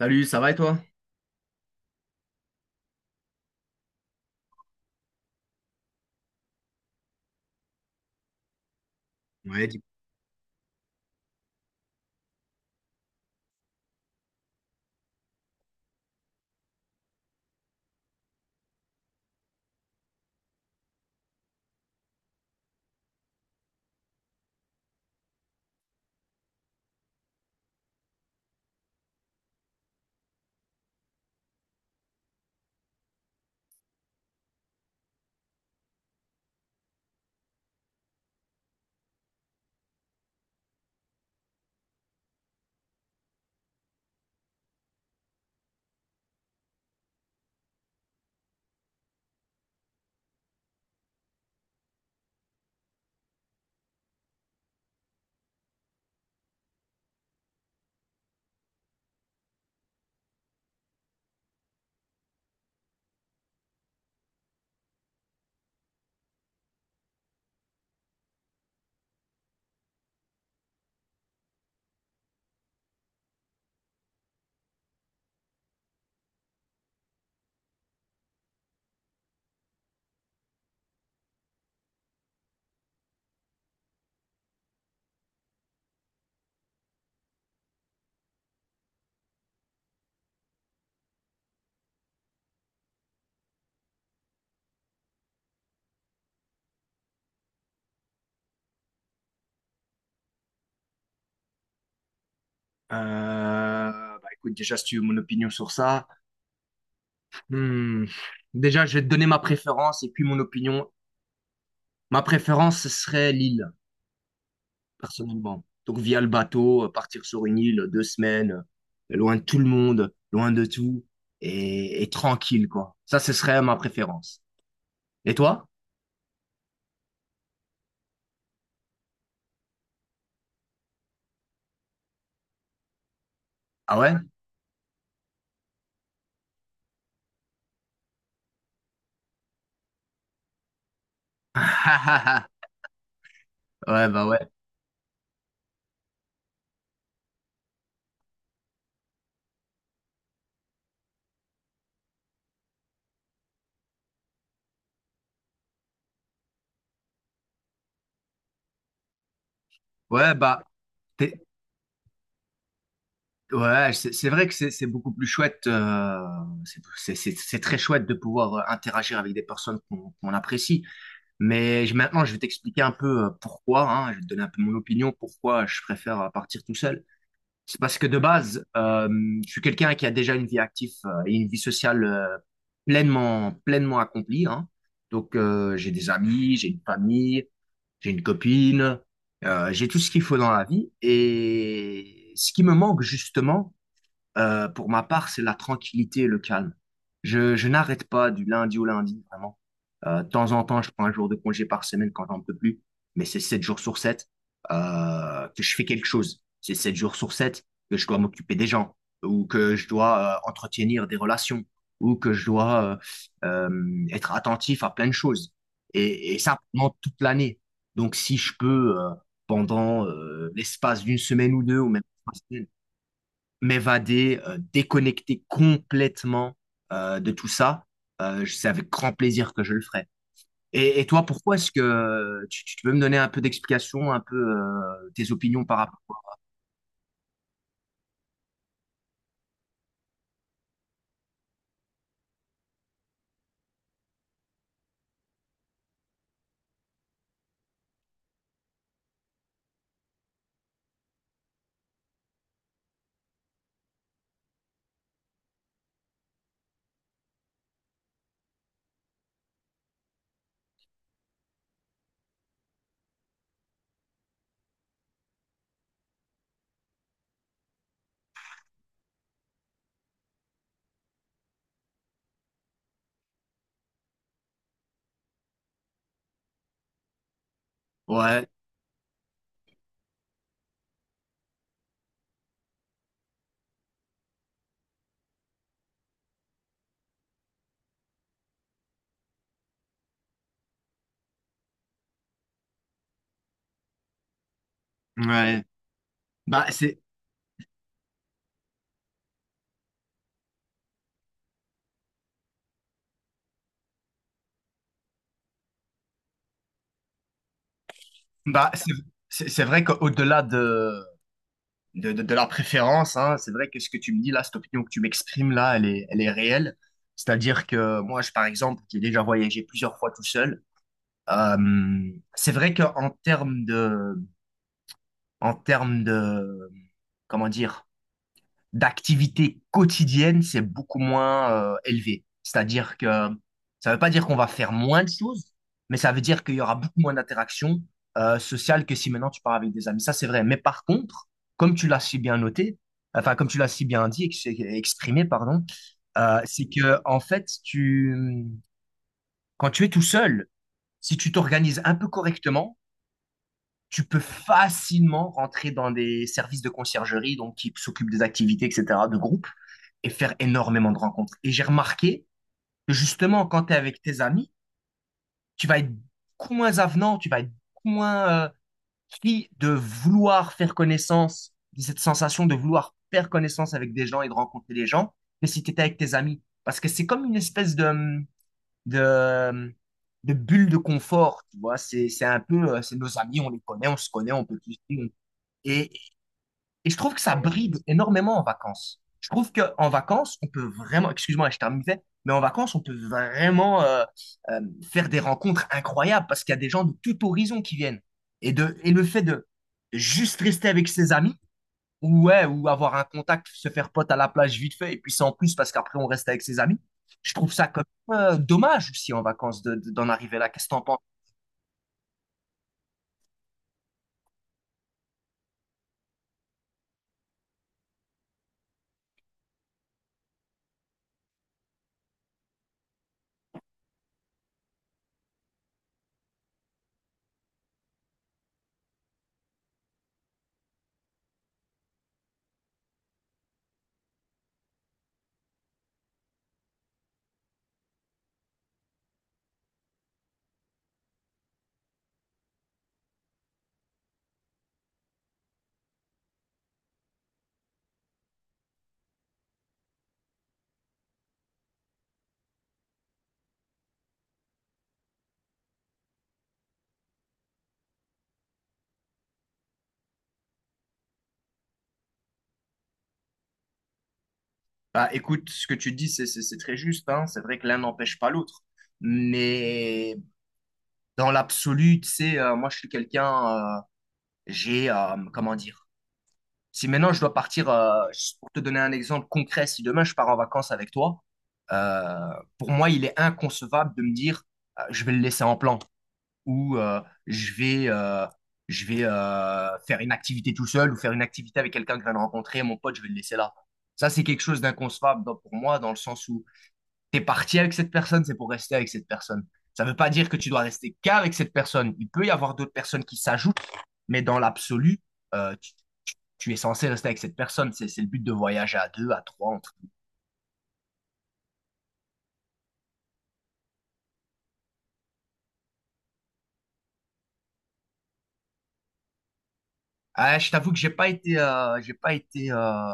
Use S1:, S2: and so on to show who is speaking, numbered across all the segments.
S1: Salut, ça va et toi? Ouais, dis- euh, Bah écoute, déjà, si tu veux mon opinion sur ça, hmm, déjà, je vais te donner ma préférence et puis mon opinion. Ma préférence, ce serait l'île, personnellement. Donc, via le bateau, partir sur une île, deux semaines, loin de tout le monde, loin de tout, et tranquille, quoi. Ça, ce serait ma préférence. Et toi? Ah ouais? Ouais, bah ouais. Ouais, bah, t'es- Ouais, c'est vrai que c'est beaucoup plus chouette. C'est très chouette de pouvoir interagir avec des personnes qu'on apprécie. Maintenant, je vais t'expliquer un peu pourquoi. Hein, je vais te donner un peu mon opinion pourquoi je préfère partir tout seul. C'est parce que de base, je suis quelqu'un qui a déjà une vie active et une vie sociale pleinement accomplie. Hein. Donc, j'ai des amis, j'ai une famille, j'ai une copine, j'ai tout ce qu'il faut dans la vie. Et ce qui me manque justement, pour ma part, c'est la tranquillité et le calme. Je n'arrête pas du lundi au lundi, vraiment. De temps en temps, je prends un jour de congé par semaine quand j'en peux plus, mais c'est sept jours sur 7 que je fais quelque chose. C'est 7 jours sur 7 que je dois m'occuper des gens, ou que je dois entretenir des relations, ou que je dois être attentif à plein de choses. Et ça pendant toute l'année. Donc si je peux, pendant l'espace d'une semaine ou deux, ou même trois semaines, m'évader, déconnecter complètement de tout ça, c'est avec grand plaisir que je le ferai. Et toi, pourquoi est-ce que tu peux me donner un peu d'explication, un peu tes opinions par rapport? Ouais, ouais. Bah, c'est bah, c'est c'est vrai qu'au-delà de, de la préférence, hein, c'est vrai que ce que tu me dis là, cette opinion que tu m'exprimes là, elle est réelle. C'est-à-dire que moi, je, par exemple, qui ai déjà voyagé plusieurs fois tout seul, c'est vrai qu'en termes de, en termes de, comment dire, d'activité quotidienne, c'est beaucoup moins élevé. C'est-à-dire que ça ne veut pas dire qu'on va faire moins de choses, mais ça veut dire qu'il y aura beaucoup moins d'interactions sociales que si maintenant tu pars avec des amis. Ça, c'est vrai. Mais par contre, comme tu l'as si bien noté, enfin, comme tu l'as si bien dit, exprimé, pardon, c'est que, en fait, tu, quand tu es tout seul, si tu t'organises un peu correctement, tu peux facilement rentrer dans des services de conciergerie, donc qui s'occupent des activités, etc., de groupe, et faire énormément de rencontres. Et j'ai remarqué que justement, quand tu es avec tes amis, tu vas être beaucoup moins avenant, tu vas être beaucoup moins pris de vouloir faire connaissance, de cette sensation de vouloir faire connaissance avec des gens et de rencontrer les gens, que si tu étais avec tes amis. Parce que c'est comme une espèce de, de bulle de confort, tu vois. C'est un peu, c'est nos amis, on les connaît, on se connaît, on peut tous, et, et je trouve que ça bride énormément en vacances. Je trouve qu'en vacances, on peut vraiment, excuse-moi, je terminais, mais en vacances, on peut vraiment euh, faire des rencontres incroyables parce qu'il y a des gens de tout horizon qui viennent. Et, de, et le fait de juste rester avec ses amis, ou, ouais, ou avoir un contact, se faire pote à la plage vite fait, et puis c'est en plus parce qu'après on reste avec ses amis, je trouve ça quand même dommage aussi en vacances d'en arriver là. Qu'est-ce que t'en penses? Bah, écoute, ce que tu dis, c'est très juste, hein. C'est vrai que l'un n'empêche pas l'autre. Mais dans l'absolu, tu sais, moi, je suis quelqu'un, j'ai, comment dire, si maintenant je dois partir, pour te donner un exemple concret, si demain je pars en vacances avec toi, euh, pour moi, il est inconcevable de me dire, je vais le laisser en plan ou je vais, euh, je vais faire une activité tout seul ou faire une activité avec quelqu'un que je viens de rencontrer, mon pote, je vais le laisser là. Ça, c'est quelque chose d'inconcevable pour moi, dans le sens où t'es parti avec cette personne, c'est pour rester avec cette personne. Ça ne veut pas dire que tu dois rester qu'avec cette personne. Il peut y avoir d'autres personnes qui s'ajoutent, mais dans l'absolu, tu, tu es censé rester avec cette personne. C'est le but de voyager à deux, à trois. Entre... Ah, je t'avoue que j'ai pas été, j'ai pas été,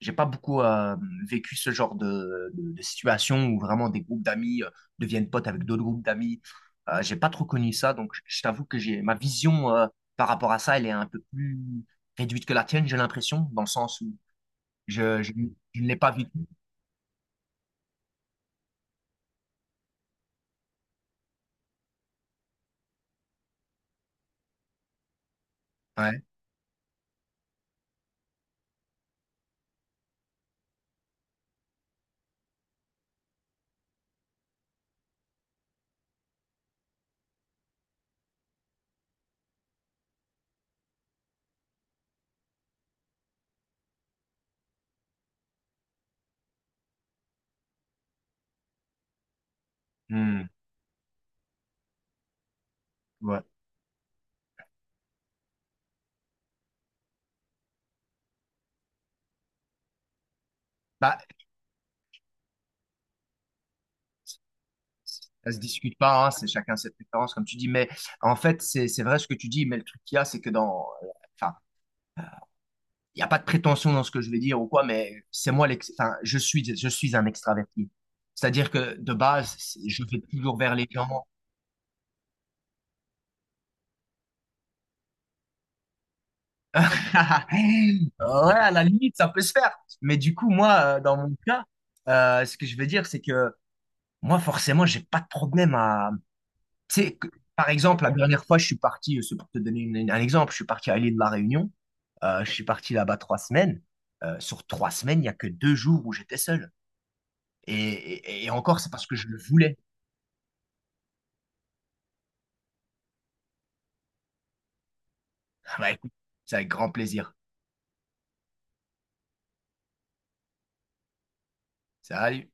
S1: j'ai pas beaucoup vécu ce genre de situation où vraiment des groupes d'amis deviennent potes avec d'autres groupes d'amis. J'ai pas trop connu ça, donc je t'avoue que j'ai ma vision par rapport à ça, elle est un peu plus réduite que la tienne, j'ai l'impression, dans le sens où Je, je, je ne l'ai pas vécu. Ouais. Hmm. Ouais. Bah, ça se discute pas, hein, c'est chacun ses préférences, comme tu dis. Mais en fait, c'est vrai ce que tu dis, mais le truc qu'il y a, c'est que dans. Enfin, il n'y a pas de prétention dans ce que je vais dire ou quoi, mais c'est moi l'ex. Enfin, je suis un extraverti. C'est-à-dire que de base, je vais toujours vers les gens. Ouais, à la limite, ça peut se faire. Mais du coup, moi, dans mon cas, ce que je veux dire, c'est que moi, forcément, j'ai pas de problème à tu sais, que- par exemple, la dernière fois, je suis parti, c'est pour te donner un exemple, je suis parti à l'île de la Réunion. Je suis parti là-bas trois semaines. Sur trois semaines, il n'y a que deux jours où j'étais seul. Et, et encore, c'est parce que je le voulais. Bah, écoute, c'est avec grand plaisir. Salut.